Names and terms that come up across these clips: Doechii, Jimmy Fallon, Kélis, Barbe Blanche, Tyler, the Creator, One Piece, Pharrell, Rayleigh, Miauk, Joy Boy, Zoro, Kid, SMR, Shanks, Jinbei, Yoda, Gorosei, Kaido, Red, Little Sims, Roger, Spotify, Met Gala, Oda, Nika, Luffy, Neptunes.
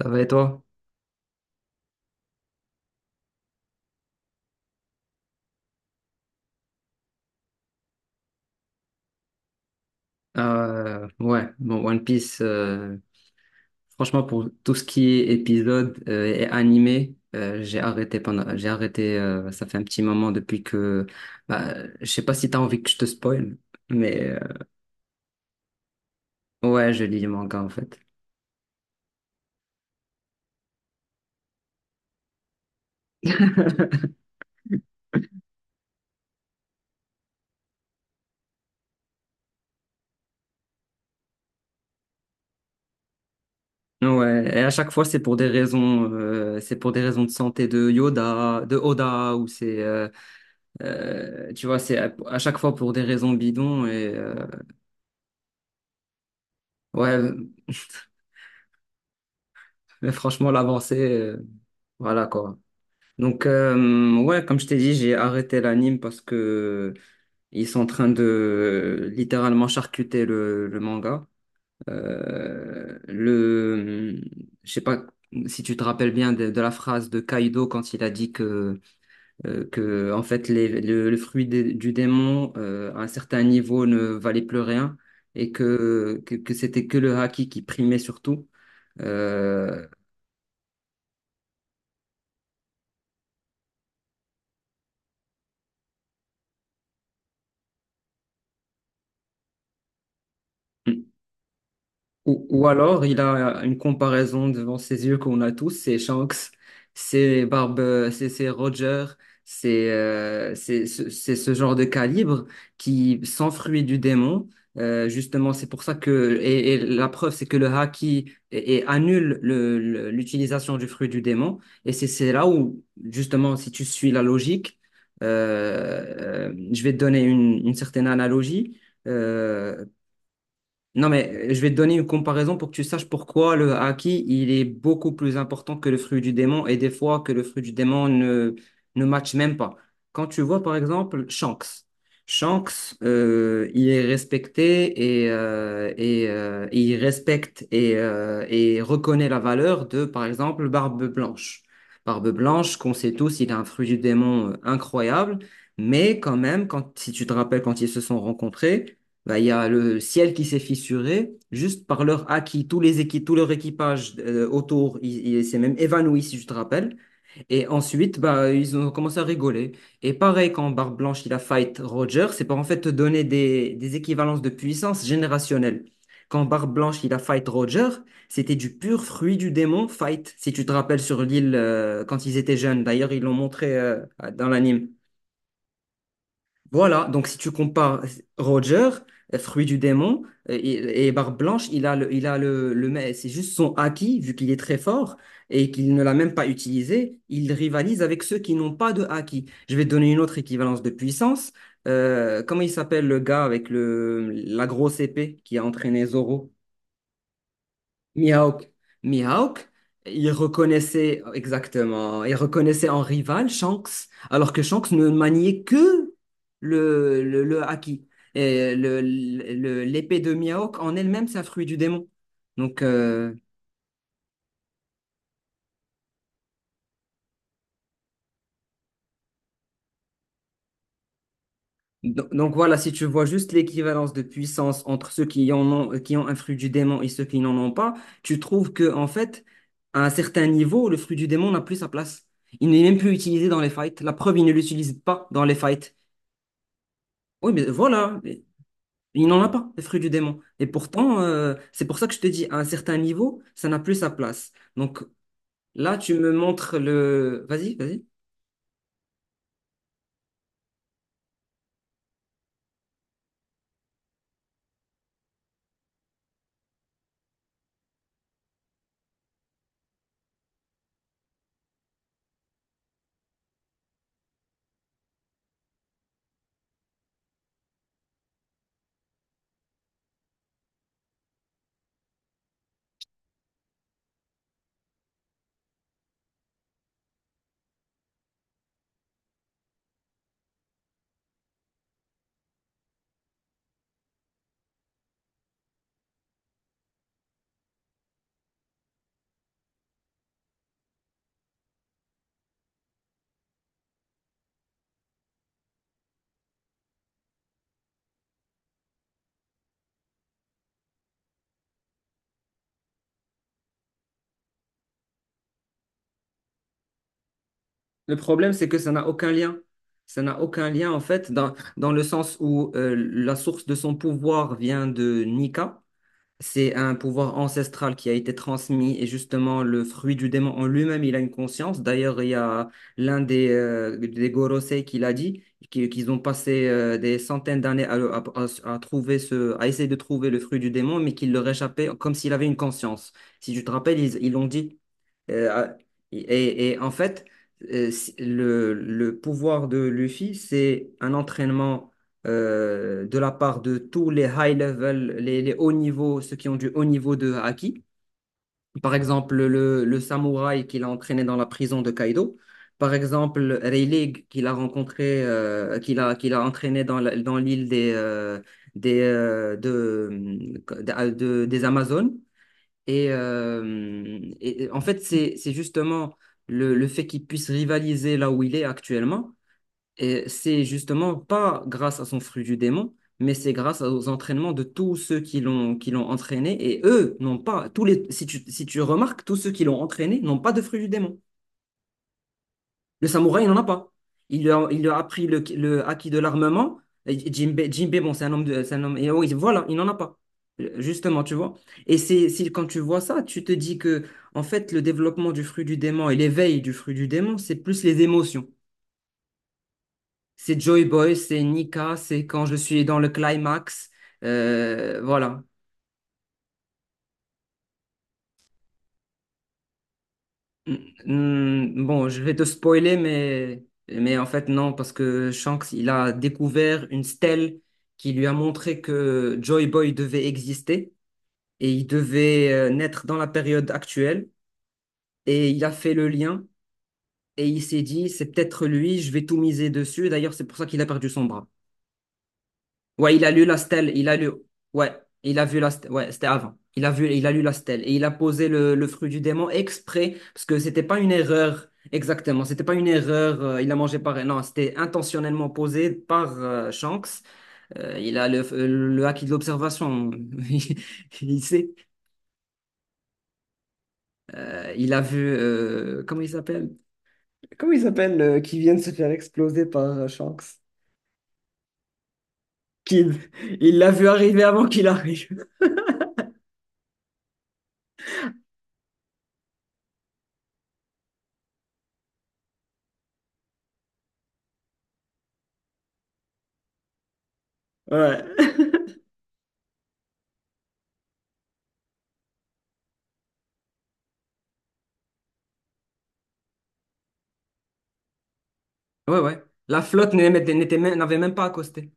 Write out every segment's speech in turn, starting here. Ça va et toi? Ouais, bon, One Piece, franchement, pour tout ce qui est épisode et animé, j'ai arrêté, ça fait un petit moment depuis que, bah, je sais pas si t'as envie que je te spoil, mais ouais, je lis les mangas en fait. Ouais, et à chaque fois, c'est pour des raisons de santé de Yoda, de Oda, ou c'est, tu vois, c'est à chaque fois pour des raisons bidons et ouais, mais franchement, l'avancée, voilà quoi. Donc, ouais, comme je t'ai dit, j'ai arrêté l'anime parce que ils sont en train de littéralement charcuter le manga. Euh, le, je sais pas si tu te rappelles bien de la phrase de Kaido quand il a dit que en fait, le fruit du démon à un certain niveau ne valait plus rien et que c'était que le haki qui primait surtout. Euh, ou alors, il a une comparaison devant ses yeux qu'on a tous, c'est Shanks, c'est Barbe, c'est Roger, c'est c'est ce genre de calibre qui s'enfuit du démon. Justement, c'est pour ça que, et la preuve, c'est que le Haki et annule l'utilisation du fruit du démon. Et c'est là où, justement, si tu suis la logique, je vais te donner une certaine analogie. Euh, non, mais je vais te donner une comparaison pour que tu saches pourquoi le haki, il est beaucoup plus important que le fruit du démon et des fois que le fruit du démon ne matche même pas. Quand tu vois, par exemple, Shanks. Shanks, il est respecté et il respecte et reconnaît la valeur de, par exemple, Barbe Blanche. Barbe Blanche, qu'on sait tous, il a un fruit du démon incroyable, mais quand même, si tu te rappelles quand ils se sont rencontrés, il y a le ciel qui s'est fissuré juste par leur acquis. Tous les équipes, tout leur équipage autour, il s'est même évanoui, si je te rappelle. Et ensuite, ils ont commencé à rigoler. Et pareil, quand Barbe Blanche, il a fight Roger, c'est pour en fait te donner des équivalences de puissance générationnelle. Quand Barbe Blanche, il a fight Roger, c'était du pur fruit du démon fight, si tu te rappelles sur l'île quand ils étaient jeunes. D'ailleurs, ils l'ont montré dans l'anime. Voilà, donc si tu compares Roger, fruit du démon, et Barbe Blanche, il a le, mais c'est juste son acquis, vu qu'il est très fort et qu'il ne l'a même pas utilisé, il rivalise avec ceux qui n'ont pas de acquis. Je vais te donner une autre équivalence de puissance. Comment il s'appelle le gars avec la grosse épée qui a entraîné Zoro? Miauk, Miauk, il reconnaissait exactement, il reconnaissait en rival Shanks, alors que Shanks ne maniait que le haki. Et l'épée de Miauk en elle-même, c'est un fruit du démon. Donc, donc voilà, si tu vois juste l'équivalence de puissance entre ceux qui en ont, qui ont un fruit du démon et ceux qui n'en ont pas, tu trouves que, en fait, à un certain niveau, le fruit du démon n'a plus sa place. Il n'est même plus utilisé dans les fights. La preuve, il ne l'utilise pas dans les fights. Oui, mais voilà, mais il n'en a pas, les fruits du démon. Et pourtant, c'est pour ça que je te dis, à un certain niveau, ça n'a plus sa place. Donc là, tu me montres le... Vas-y, vas-y. Le problème, c'est que ça n'a aucun lien. Ça n'a aucun lien, en fait, dans le sens où la source de son pouvoir vient de Nika. C'est un pouvoir ancestral qui a été transmis et justement le fruit du démon en lui-même, il a une conscience. D'ailleurs, il y a l'un des Gorosei qui l'a dit, qu'ils ont passé des centaines d'années à trouver à essayer de trouver le fruit du démon, mais qu'il leur échappait comme s'il avait une conscience. Si tu te rappelles, ils l'ont dit. Euh, et en fait, le pouvoir de Luffy, c'est un entraînement de la part de tous les high level, les hauts niveaux, ceux qui ont du haut niveau de haki. Par exemple, le samouraï qu'il a entraîné dans la prison de Kaido. Par exemple, Rayleigh qu'il a rencontré, qu'il a entraîné dans l'île des, de- des Amazones. Et en fait, c'est justement le fait qu'il puisse rivaliser là où il est actuellement et c'est justement pas grâce à son fruit du démon, mais c'est grâce aux entraînements de tous ceux qui l'ont entraîné. Et eux n'ont pas, si tu, si tu remarques, tous ceux qui l'ont entraîné n'ont pas de fruit du démon. Le samouraï, il n'en a pas. Il lui a appris le acquis de l'armement. Et Jinbei, bon, c'est un homme, et oui, voilà, il n'en a pas. Justement, tu vois. Et c'est, si, quand tu vois ça, tu te dis que, en fait, le développement du fruit du démon et l'éveil du fruit du démon, c'est plus les émotions. C'est Joy Boy, c'est Nika, c'est quand je suis dans le climax. Voilà. Mm, bon, je vais te spoiler, mais en fait, non, parce que Shanks, il a découvert une stèle qui lui a montré que Joy Boy devait exister et il devait naître dans la période actuelle. Et il a fait le lien et il s'est dit, c'est peut-être lui, je vais tout miser dessus. D'ailleurs, c'est pour ça qu'il a perdu son bras. Ouais, il a lu la stèle, il a lu, ouais, il a vu la stèle, ouais, c'était avant. Il a lu la stèle et il a posé le fruit du démon exprès parce que c'était pas une erreur exactement, c'était pas une erreur. Il a mangé par, Non, c'était intentionnellement posé par Shanks. Il a le acquis de l'observation, il il sait. Il a vu, comment il s'appelle? Comment il s'appelle qui vient de se faire exploser par Shanks? Kid. Il l'a vu arriver avant qu'il arrive. Ouais. Ouais, ouais. La flotte n'avait même pas accosté.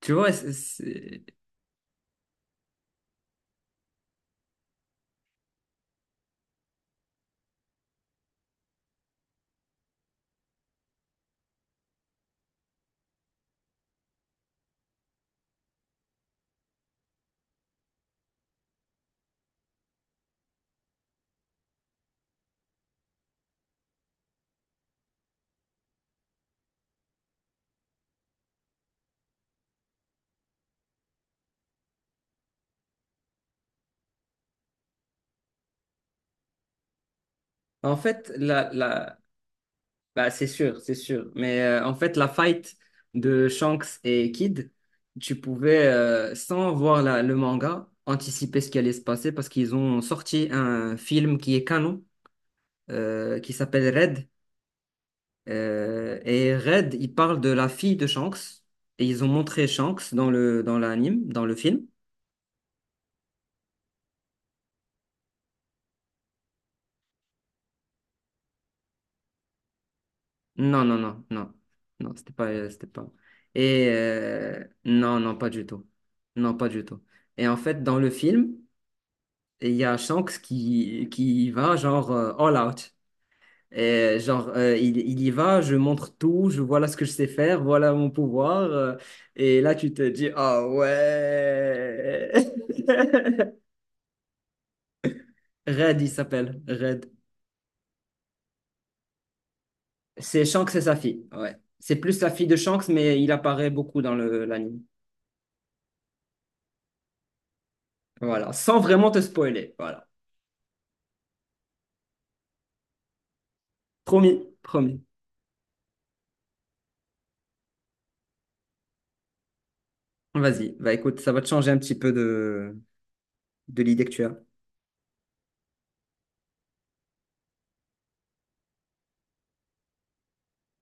Tu vois, c'est- c'est- En fait, la... Bah, c'est sûr, c'est sûr. Mais en fait, la fight de Shanks et Kid, tu pouvais, sans voir le manga, anticiper ce qui allait se passer parce qu'ils ont sorti un film qui est canon, qui s'appelle Red. Et Red, il parle de la fille de Shanks. Et ils ont montré Shanks dans dans l'anime, dans le film. Non, non, non, non. Non, c'était pas, c'était pas. Non, non, pas du tout. Non, pas du tout. Et en fait, dans le film, il y a Shanks qui va genre all out. Et genre, il y va, je montre tout, je voilà ce que je sais faire, voilà mon pouvoir. Et là, tu te dis, ah ouais. Red, il s'appelle. Red. C'est Shanks et sa fille. Ouais. C'est plus la fille de Shanks, mais il apparaît beaucoup dans le l'anime. Voilà, sans vraiment te spoiler. Voilà. Promis, promis. Vas-y. Bah écoute, ça va te changer un petit peu de l'idée que tu as.